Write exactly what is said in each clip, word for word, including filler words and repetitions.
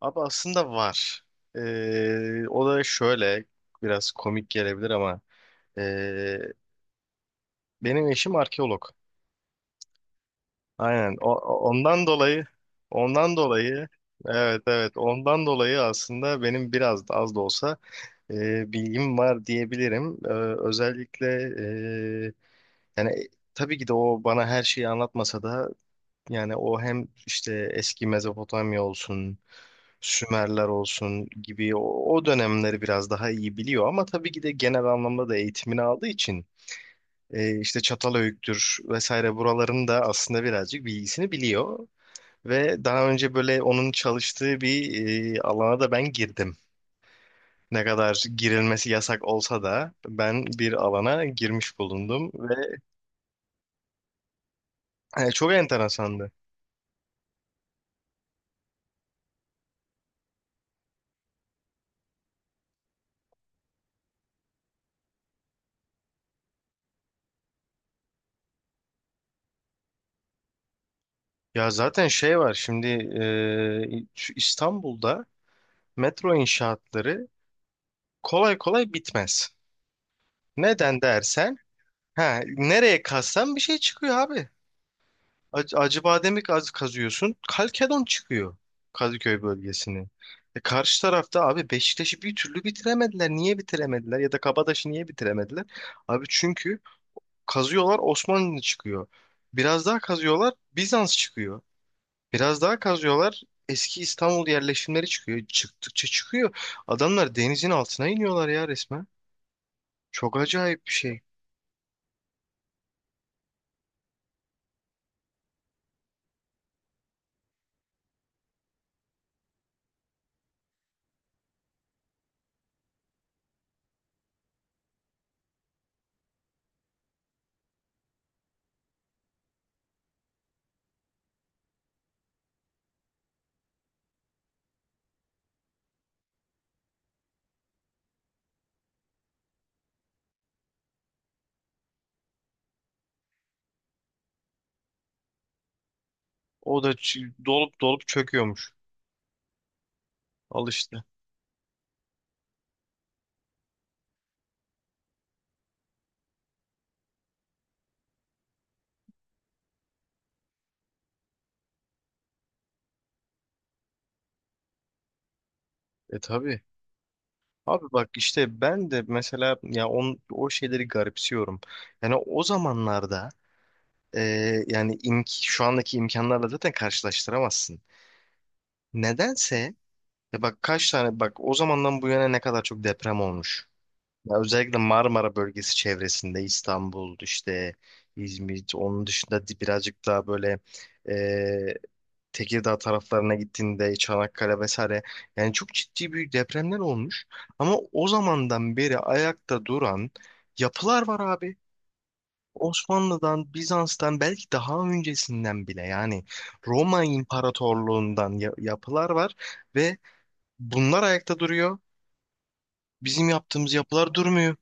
Abi aslında var. Ee, o da şöyle biraz komik gelebilir ama ee, benim eşim arkeolog. Aynen. O, o- ondan dolayı ondan dolayı, evet, evet, ondan dolayı aslında benim biraz da az da olsa ee, bilgim var diyebilirim. Ee, özellikle ee, yani, e, tabii ki de o bana her şeyi anlatmasa da. Yani o hem işte eski Mezopotamya olsun, Sümerler olsun gibi o, o dönemleri biraz daha iyi biliyor ama tabii ki de genel anlamda da eğitimini aldığı için e, işte Çatalhöyük'tür vesaire, buraların da aslında birazcık bilgisini biliyor. Ve daha önce böyle onun çalıştığı bir e, alana da ben girdim. Ne kadar girilmesi yasak olsa da ben bir alana girmiş bulundum ve e, çok enteresandı. Ya zaten şey var şimdi, e, şu İstanbul'da metro inşaatları kolay kolay bitmez. Neden dersen, ha, nereye kazsan bir şey çıkıyor abi. Ac Acıbadem'i kaz kazıyorsun, Kalkedon çıkıyor, Kadıköy bölgesini. E, karşı tarafta abi Beşiktaş'ı bir türlü bitiremediler. Niye bitiremediler ya da Kabataş'ı niye bitiremediler? Abi çünkü kazıyorlar, Osmanlı çıkıyor. Biraz daha kazıyorlar, Bizans çıkıyor. Biraz daha kazıyorlar. Eski İstanbul yerleşimleri çıkıyor. Çıktıkça çıkıyor. Adamlar denizin altına iniyorlar ya, resmen. Çok acayip bir şey. O da ç- dolup dolup çöküyormuş. Al işte. E tabii. Abi bak işte ben de mesela, ya on, o şeyleri garipsiyorum. Yani o zamanlarda, e, yani imk, şu andaki imkanlarla zaten karşılaştıramazsın. Nedense, ya bak, kaç tane bak o zamandan bu yana ne kadar çok deprem olmuş. Ya özellikle Marmara bölgesi çevresinde İstanbul, işte İzmir, onun dışında di- birazcık daha böyle e, Tekirdağ taraflarına gittiğinde, Çanakkale vesaire, yani çok ciddi büyük depremler olmuş. Ama o zamandan beri ayakta duran yapılar var abi. Osmanlı'dan, Bizans'tan, belki daha öncesinden bile yani Roma İmparatorluğu'ndan ya- yapılar var ve bunlar ayakta duruyor. Bizim yaptığımız yapılar durmuyor.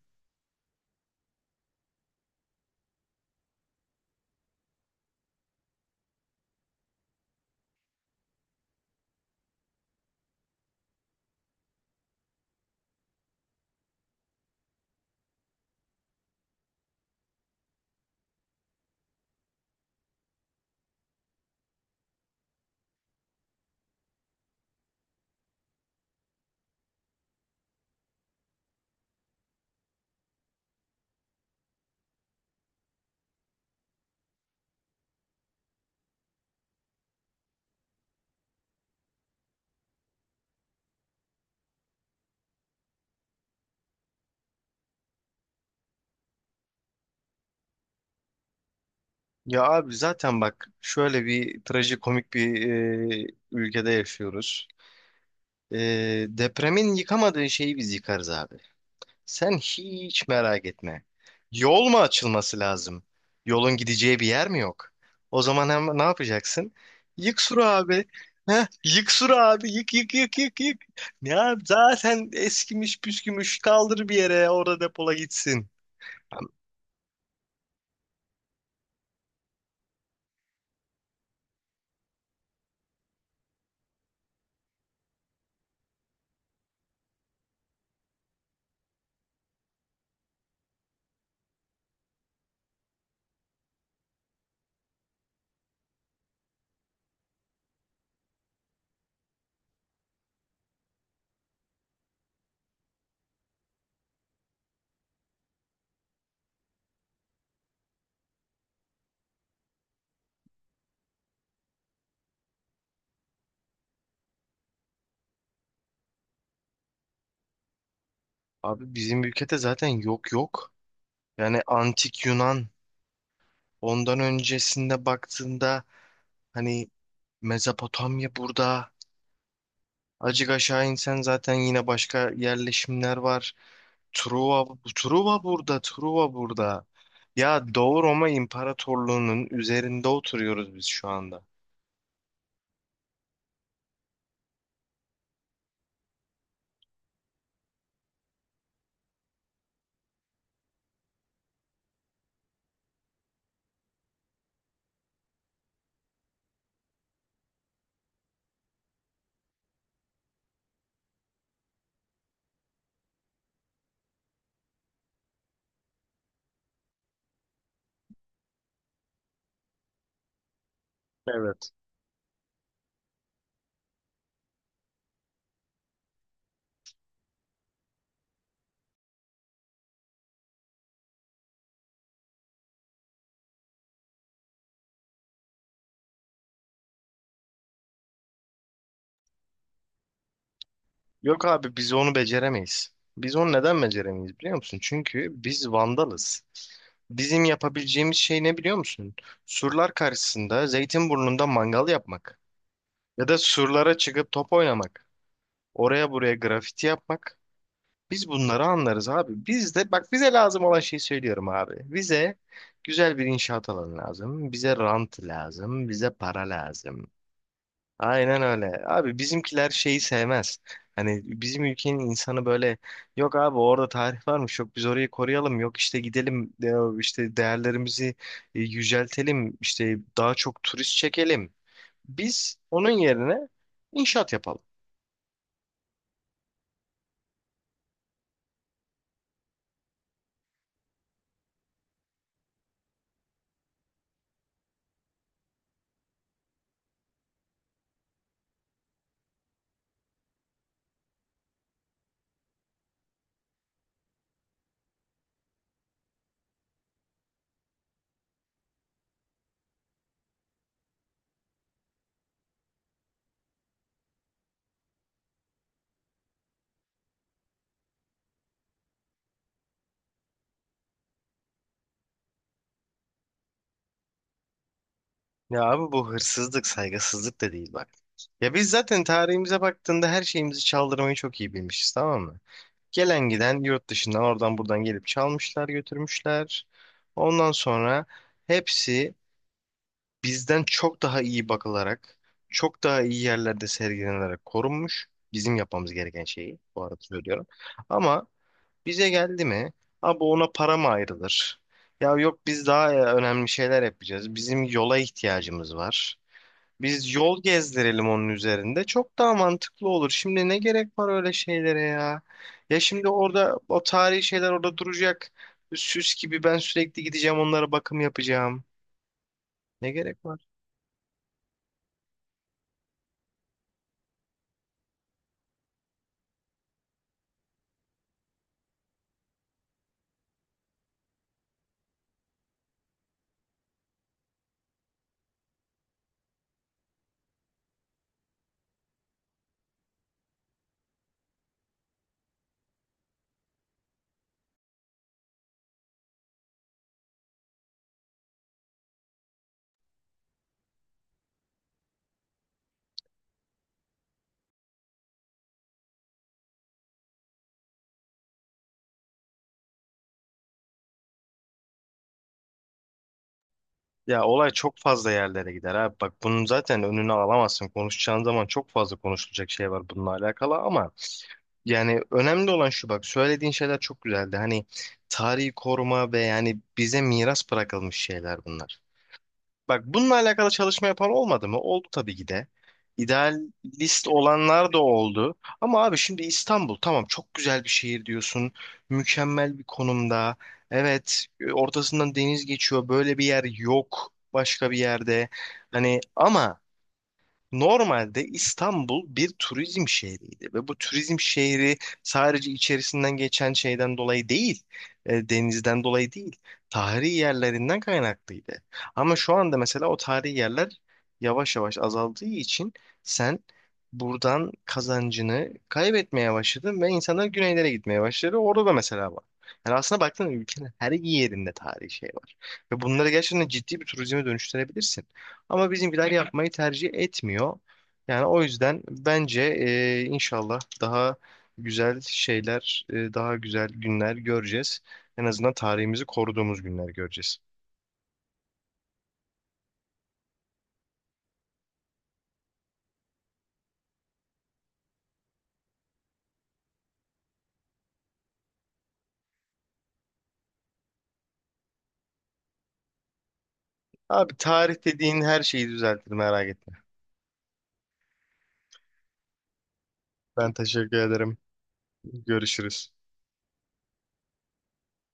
Ya abi, zaten bak, şöyle bir trajikomik bir e, ülkede yaşıyoruz. E, Depremin yıkamadığı şeyi biz yıkarız abi. Sen hiç merak etme. Yol mu açılması lazım? Yolun gideceği bir yer mi yok? O zaman hem ne yapacaksın? Yık suru abi. Heh, yık suru abi. Yık yık yık yık yık. Ya zaten eskimiş püskümüş, kaldır bir yere, orada depola, gitsin. Abi, bizim ülkede zaten yok yok. Yani antik Yunan, ondan öncesinde baktığında hani Mezopotamya burada. Acık aşağı insen zaten yine başka yerleşimler var. Truva, Truva burada, Truva burada. Ya, Doğu Roma İmparatorluğu'nun üzerinde oturuyoruz biz şu anda. Evet. Yok abi, biz onu beceremeyiz. Biz onu neden beceremeyiz biliyor musun? Çünkü biz vandalız. Bizim yapabileceğimiz şey ne biliyor musun? Surlar karşısında Zeytinburnu'nda mangal yapmak. Ya da surlara çıkıp top oynamak. Oraya buraya grafiti yapmak. Biz bunları anlarız abi. Biz de bak, bize lazım olan şeyi söylüyorum abi. Bize güzel bir inşaat alanı lazım. Bize rant lazım. Bize para lazım. Aynen öyle. Abi bizimkiler şeyi sevmez. Hani bizim ülkenin insanı böyle, yok abi orada tarih varmış, yok biz orayı koruyalım, yok işte gidelim de- işte değerlerimizi e, yüceltelim, işte daha çok turist çekelim. Biz onun yerine inşaat yapalım. Ya abi, bu hırsızlık, saygısızlık da değil bak. Ya biz zaten tarihimize baktığında her şeyimizi çaldırmayı çok iyi bilmişiz, tamam mı? Gelen giden yurt dışından, oradan buradan gelip çalmışlar, götürmüşler. Ondan sonra hepsi bizden çok daha iyi bakılarak, çok daha iyi yerlerde sergilenerek korunmuş. Bizim yapmamız gereken şeyi bu arada söylüyorum. Ama bize geldi mi, abi ona para mı ayrılır? Ya yok, biz daha e, önemli şeyler yapacağız. Bizim yola ihtiyacımız var. Biz yol gezdirelim onun üzerinde. Çok daha mantıklı olur. Şimdi ne gerek var öyle şeylere ya? Ya şimdi orada o tarihi şeyler orada duracak. Süs gibi ben sürekli gideceğim onlara bakım yapacağım. Ne gerek var? Ya olay çok fazla yerlere gider abi. Bak, bunun zaten önünü alamazsın. Konuşacağın zaman çok fazla konuşulacak şey var bununla alakalı, ama yani önemli olan şu: bak, söylediğin şeyler çok güzeldi. Hani tarihi koruma ve yani bize miras bırakılmış şeyler bunlar. Bak bununla alakalı çalışma yapan olmadı mı? Oldu tabii ki de. İdealist olanlar da oldu. Ama abi, şimdi İstanbul tamam, çok güzel bir şehir diyorsun. Mükemmel bir konumda. Evet, e, ortasından deniz geçiyor. Böyle bir yer yok başka bir yerde. Hani ama normalde İstanbul bir turizm şehriydi ve bu turizm şehri sadece içerisinden geçen şeyden dolayı değil, e, denizden dolayı değil, tarihi yerlerinden kaynaklıydı. Ama şu anda mesela o tarihi yerler yavaş yavaş azaldığı için sen buradan kazancını kaybetmeye başladın ve insanlar güneylere gitmeye başladı. Orada da mesela var. Yani aslında baktığında ülkenin her yerinde tarihi şey var. Ve bunları gerçekten ciddi bir turizme dönüştürebilirsin. Ama bizimkiler yapmayı tercih etmiyor. Yani o yüzden bence, e, inşallah daha güzel şeyler, e, daha güzel günler göreceğiz. En azından tarihimizi koruduğumuz günler göreceğiz. Abi tarih dediğin her şeyi düzeltir, merak etme. Ben teşekkür ederim. Görüşürüz.